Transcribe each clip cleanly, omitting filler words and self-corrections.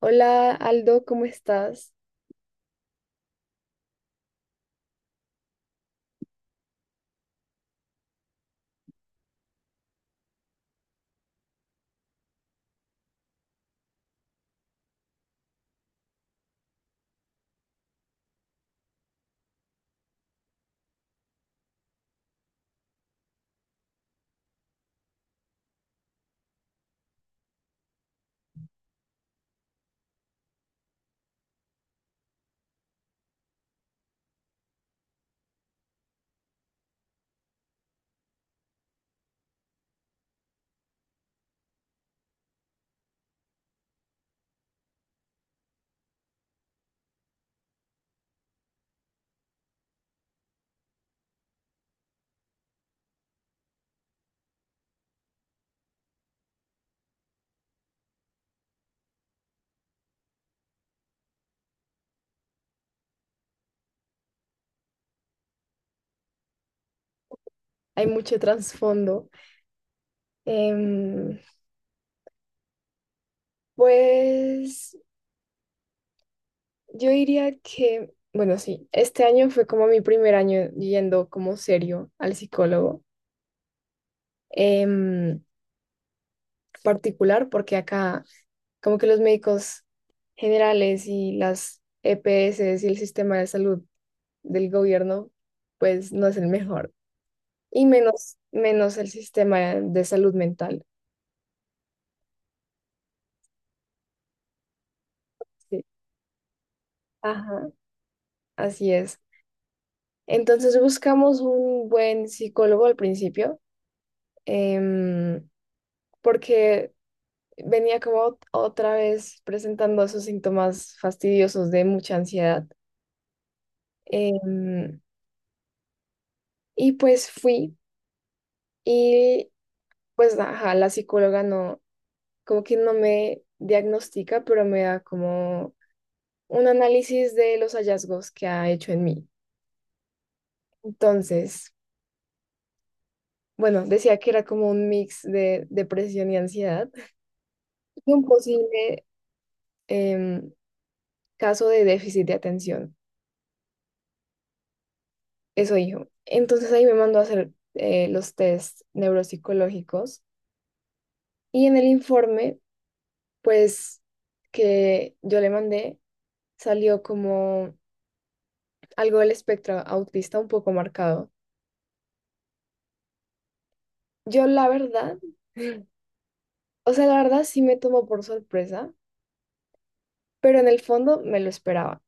Hola Aldo, ¿cómo estás? Hay mucho trasfondo. Em, pues yo diría que, bueno, sí, este año fue como mi primer año yendo como serio al psicólogo em, particular, porque acá como que los médicos generales y las EPS y el sistema de salud del gobierno, pues no es el mejor. Y menos, menos el sistema de salud mental. Sí. Ajá, así es. Entonces buscamos un buen psicólogo al principio, em, porque venía como otra vez presentando esos síntomas fastidiosos de mucha ansiedad. Em, y pues fui y pues ajá, la psicóloga no, como que no me diagnostica, pero me da como un análisis de los hallazgos que ha hecho en mí. Entonces, bueno, decía que era como un mix de depresión y ansiedad. Y un posible em, caso de déficit de atención. Eso dijo. Entonces ahí me mandó a hacer los test neuropsicológicos y en el informe, pues que yo le mandé, salió como algo del espectro autista un poco marcado. Yo la verdad, o sea, la verdad sí me tomó por sorpresa, pero en el fondo me lo esperaba,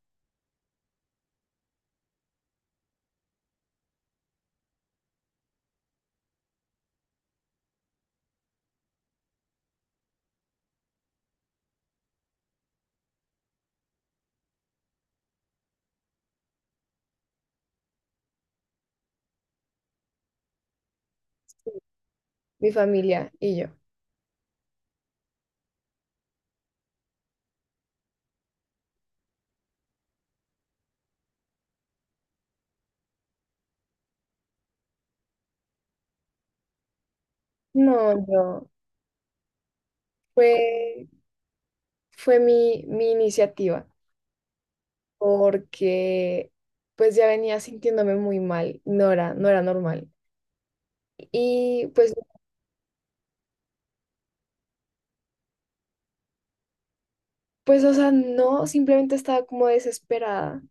mi familia y yo. No, yo, fue, fue mi iniciativa. Porque pues ya venía sintiéndome muy mal, no era, no era normal. Y pues, pues, o sea, no, simplemente estaba como desesperada,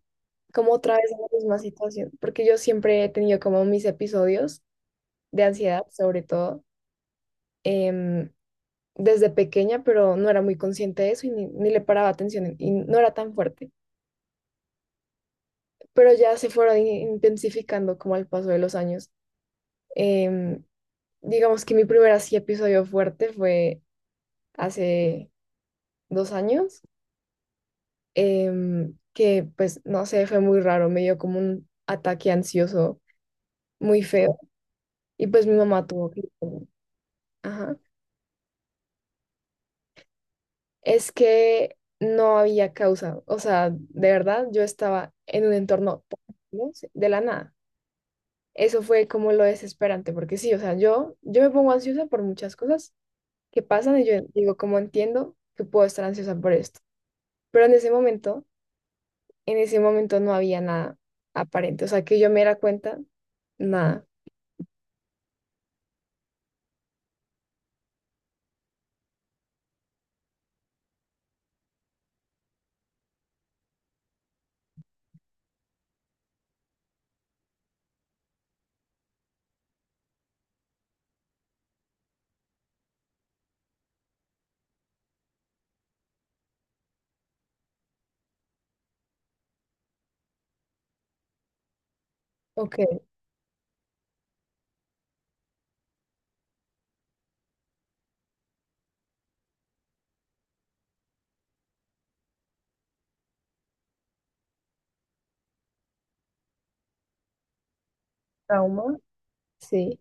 como otra vez en la misma situación, porque yo siempre he tenido como mis episodios de ansiedad, sobre todo, em, desde pequeña, pero no era muy consciente de eso y ni, ni le paraba atención y no era tan fuerte, pero ya se fueron intensificando como al paso de los años. Em, digamos que mi primer así episodio fuerte fue hace dos años, que pues no sé, fue muy raro, me dio como un ataque ansioso muy feo y pues mi mamá tuvo que... Ajá. Es que no había causa, o sea, de verdad yo estaba en un entorno, ¿no? De la nada. Eso fue como lo desesperante, porque sí, o sea, yo me pongo ansiosa por muchas cosas que pasan y yo digo, como entiendo que puedo estar ansiosa por esto. Pero en ese momento En ese momento no había nada aparente, o sea, que yo me diera cuenta, nada. Ok, trauma, sí,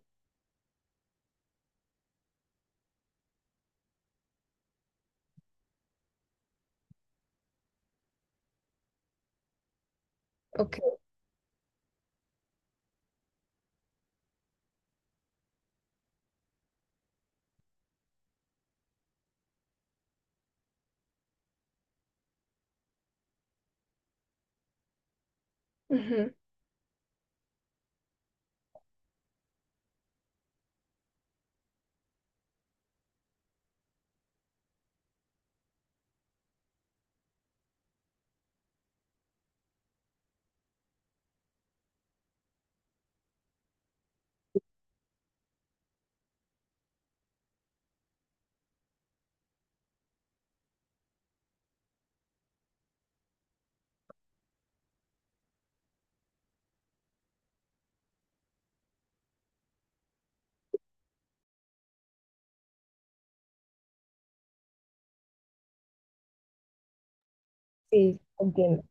ok, ujú, sí, entiendo.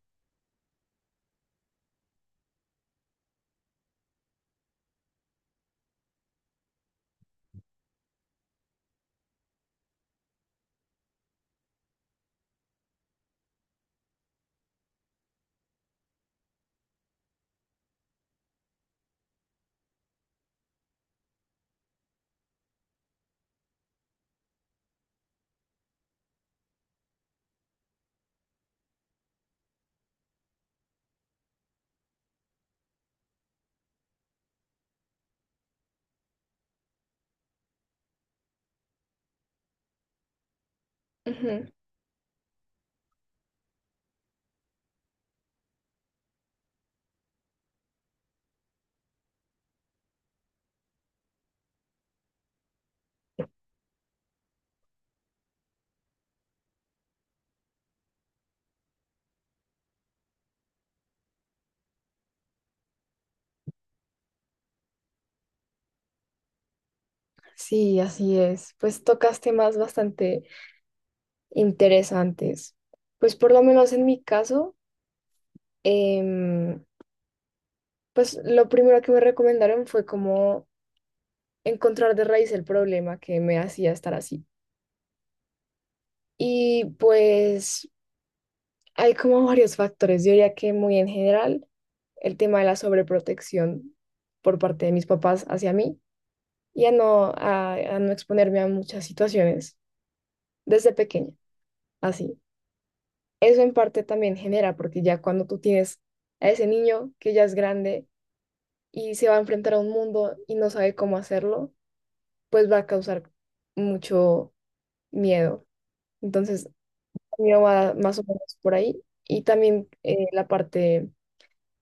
Ujú. Sí, así es. Pues tocas temas bastante interesantes. Pues por lo menos en mi caso, em, pues lo primero que me recomendaron fue como encontrar de raíz el problema que me hacía estar así. Y pues hay como varios factores, yo diría que muy en general. El tema de la sobreprotección por parte de mis papás hacia mí y a no exponerme a muchas situaciones desde pequeña, así. Eso en parte también genera, porque ya cuando tú tienes a ese niño que ya es grande y se va a enfrentar a un mundo y no sabe cómo hacerlo, pues va a causar mucho miedo. Entonces, mío va más o menos por ahí. Y también la parte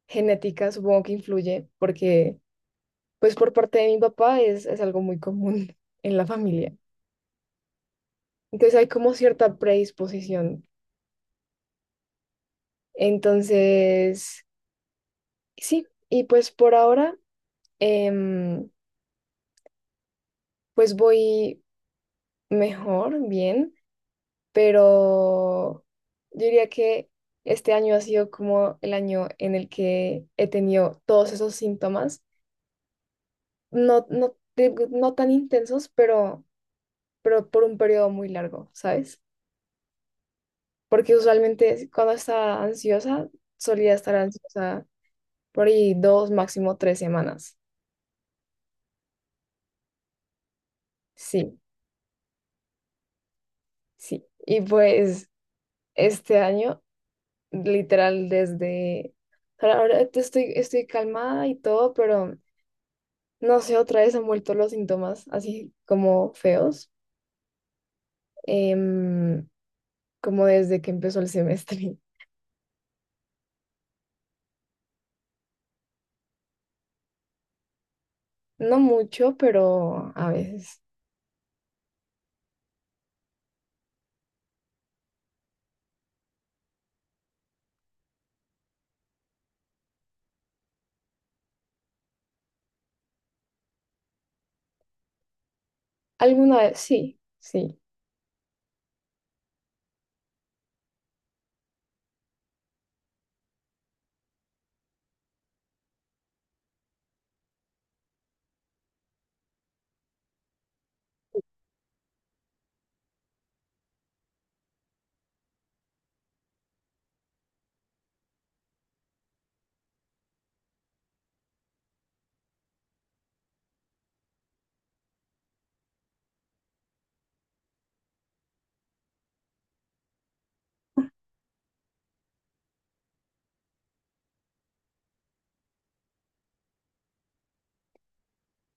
genética supongo que influye porque pues por parte de mi papá es algo muy común en la familia. Entonces hay como cierta predisposición. Entonces, sí, y pues por ahora, em, pues voy mejor, bien, pero yo diría que este año ha sido como el año en el que he tenido todos esos síntomas, no, no, no tan intensos, pero por un periodo muy largo, ¿sabes? Porque usualmente cuando estaba ansiosa, solía estar ansiosa por ahí dos, máximo tres semanas. Sí, sí. Y pues este año, literal, desde... Ahora ahora estoy, estoy calmada y todo, pero no sé, otra vez han vuelto los síntomas así como feos, em, como desde que empezó el semestre. No mucho, pero a veces. Alguna vez, sí, sí.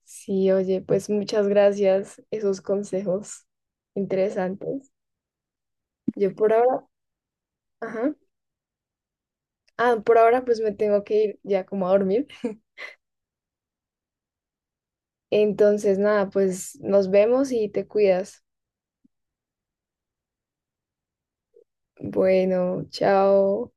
Sí, oye, pues muchas gracias, esos consejos interesantes. Yo por ahora, ajá, ah, por ahora pues me tengo que ir ya como a dormir. Entonces, nada, pues nos vemos y te cuidas. Bueno, chao.